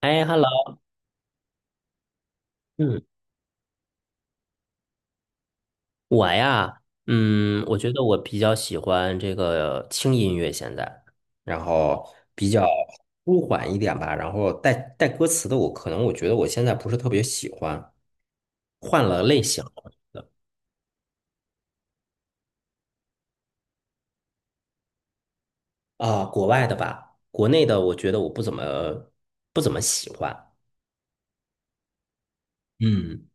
哎，hello，嗯，我呀，我觉得我比较喜欢这个轻音乐，现在，然后比较舒缓一点吧，然后带歌词的我，可能我觉得我现在不是特别喜欢，换了类型啊，国外的吧，国内的我觉得我不怎么喜欢，嗯。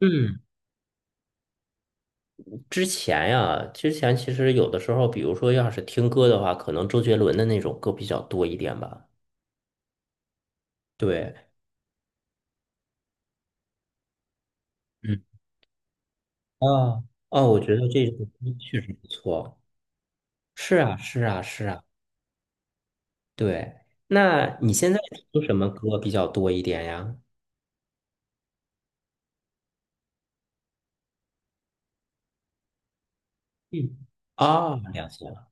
嗯，之前呀，之前其实有的时候，比如说要是听歌的话，可能周杰伦的那种歌比较多一点吧，对。嗯。啊，哦，我觉得这首歌确实不错。是啊，是啊，是啊，对。那你现在听什么歌比较多一点呀？嗯，啊，了解了。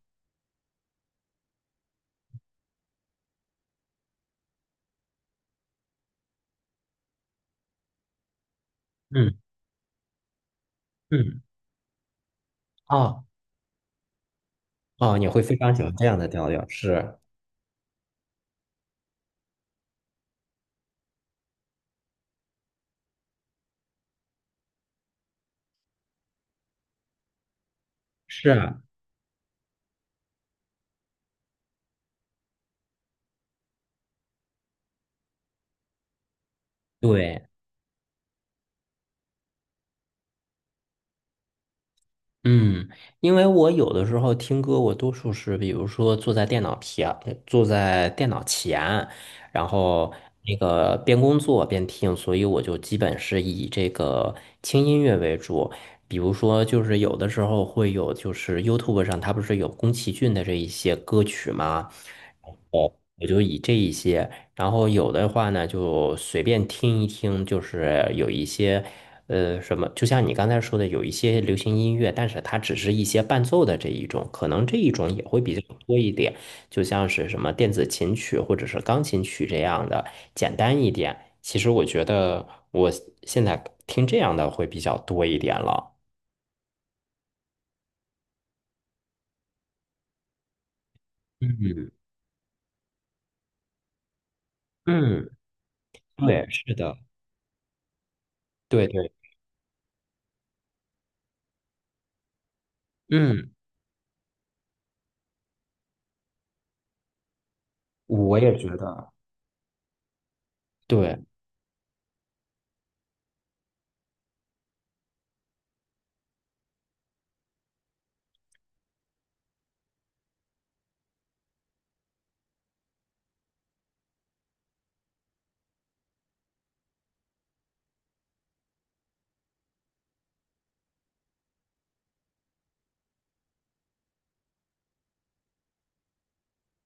嗯嗯，哦哦，你会非常喜欢这样的调调，是是啊，对。嗯，因为我有的时候听歌，我多数是比如说坐在电脑前，坐在电脑前，然后那个边工作边听，所以我就基本是以这个轻音乐为主。比如说，就是有的时候会有，就是 YouTube 上它不是有宫崎骏的这一些歌曲吗？哦，我就以这一些。然后有的话呢，就随便听一听，就是有一些，就像你刚才说的，有一些流行音乐，但是它只是一些伴奏的这一种，可能这一种也会比较多一点，就像是什么电子琴曲或者是钢琴曲这样的，简单一点。其实我觉得我现在听这样的会比较多一点了。嗯嗯，对，是的，对对，嗯，我也觉得，对。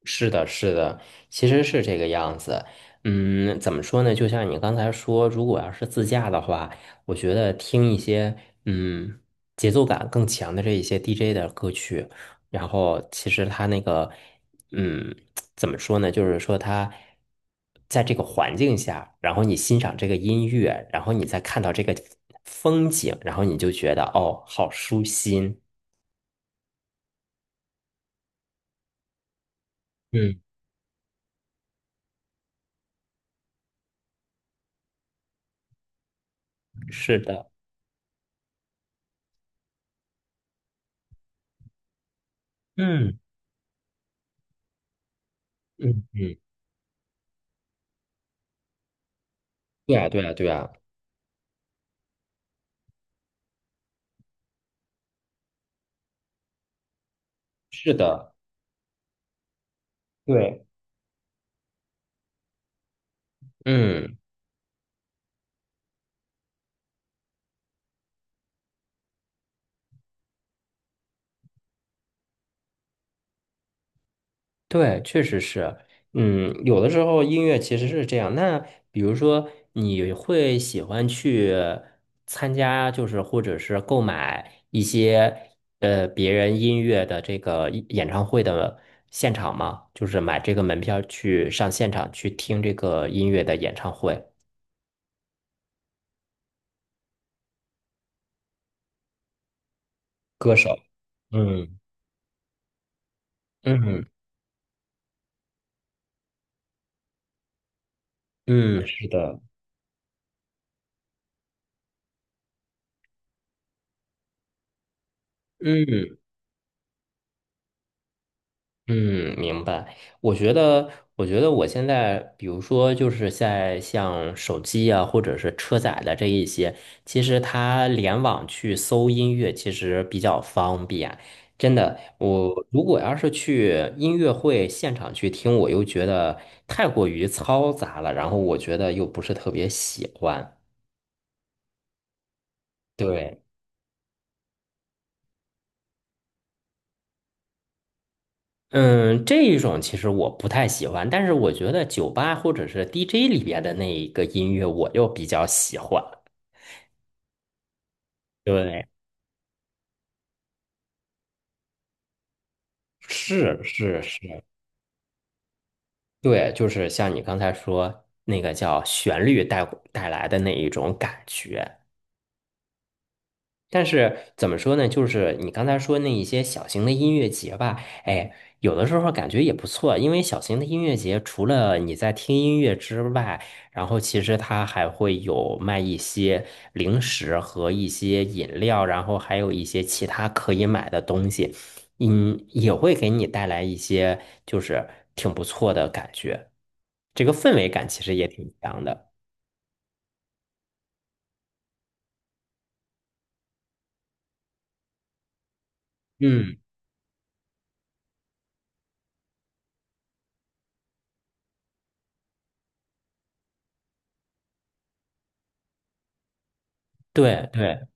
是的，是的，其实是这个样子。嗯，怎么说呢？就像你刚才说，如果要是自驾的话，我觉得听一些嗯节奏感更强的这一些 DJ 的歌曲，然后其实他那个嗯怎么说呢？就是说他在这个环境下，然后你欣赏这个音乐，然后你再看到这个风景，然后你就觉得哦，好舒心。嗯，是的，嗯嗯嗯，对啊，对啊，对啊。对，嗯，对，确实是，嗯，有的时候音乐其实是这样。那比如说，你会喜欢去参加，就是或者是购买一些别人音乐的这个演唱会的现场吗？就是买这个门票去上现场去听这个音乐的演唱会歌手。嗯嗯嗯，是的，嗯。嗯，明白。我觉得，我觉得我现在，比如说，就是在像手机啊，或者是车载的这一些，其实它联网去搜音乐，其实比较方便。真的，我如果要是去音乐会现场去听，我又觉得太过于嘈杂了，然后我觉得又不是特别喜欢。对。嗯，这一种其实我不太喜欢，但是我觉得酒吧或者是 DJ 里边的那一个音乐，我又比较喜欢。对，是是是，对，就是像你刚才说那个叫旋律带来的那一种感觉。但是怎么说呢？就是你刚才说那一些小型的音乐节吧，哎，有的时候感觉也不错，因为小型的音乐节除了你在听音乐之外，然后其实它还会有卖一些零食和一些饮料，然后还有一些其他可以买的东西，嗯，也会给你带来一些就是挺不错的感觉，这个氛围感其实也挺强的。嗯，对对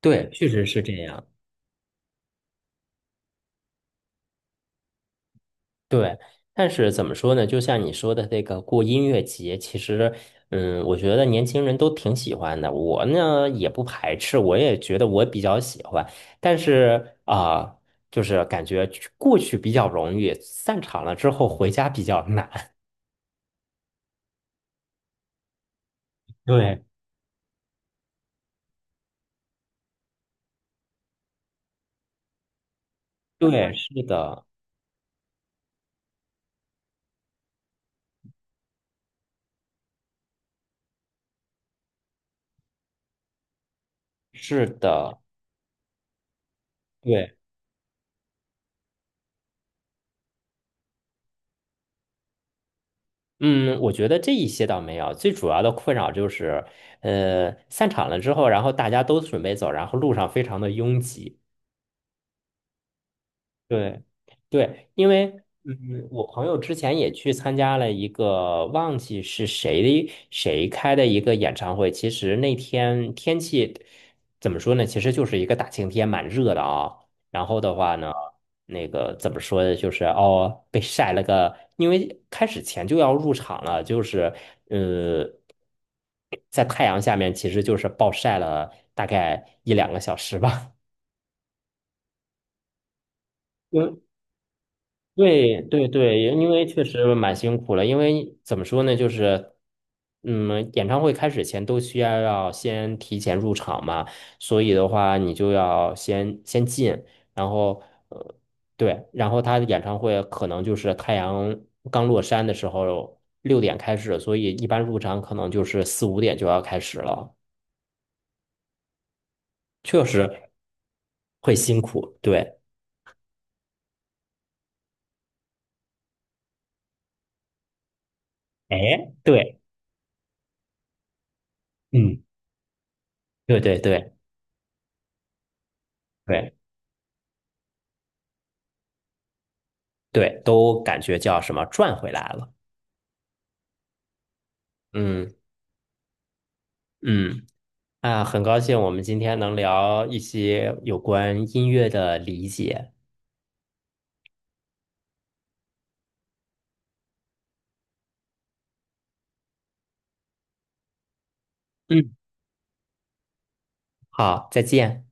对，确实是这样。对，但是怎么说呢？就像你说的这个过音乐节，其实，嗯，我觉得年轻人都挺喜欢的。我呢也不排斥，我也觉得我比较喜欢。但是啊、就是感觉去过去比较容易，散场了之后回家比较难。对，对，是的，是的，对。嗯，我觉得这一些倒没有，最主要的困扰就是，散场了之后，然后大家都准备走，然后路上非常的拥挤。对，对，因为嗯，我朋友之前也去参加了一个忘记是谁的谁开的一个演唱会。其实那天天气怎么说呢？其实就是一个大晴天，蛮热的啊。然后的话呢，那个怎么说呢？就是哦，被晒了个，因为开始前就要入场了，就是呃，在太阳下面，其实就是暴晒了大概1、2个小时吧。因对对对，因为确实蛮辛苦了。因为怎么说呢，就是，嗯，演唱会开始前都需要要先提前入场嘛，所以的话，你就要先进，然后呃，对，然后他的演唱会可能就是太阳刚落山的时候6点开始，所以一般入场可能就是4、5点就要开始了，确实会辛苦。对，哎，对，嗯，对对对对。对，都感觉叫什么赚回来了。嗯嗯，啊，很高兴我们今天能聊一些有关音乐的理解。嗯，好，再见。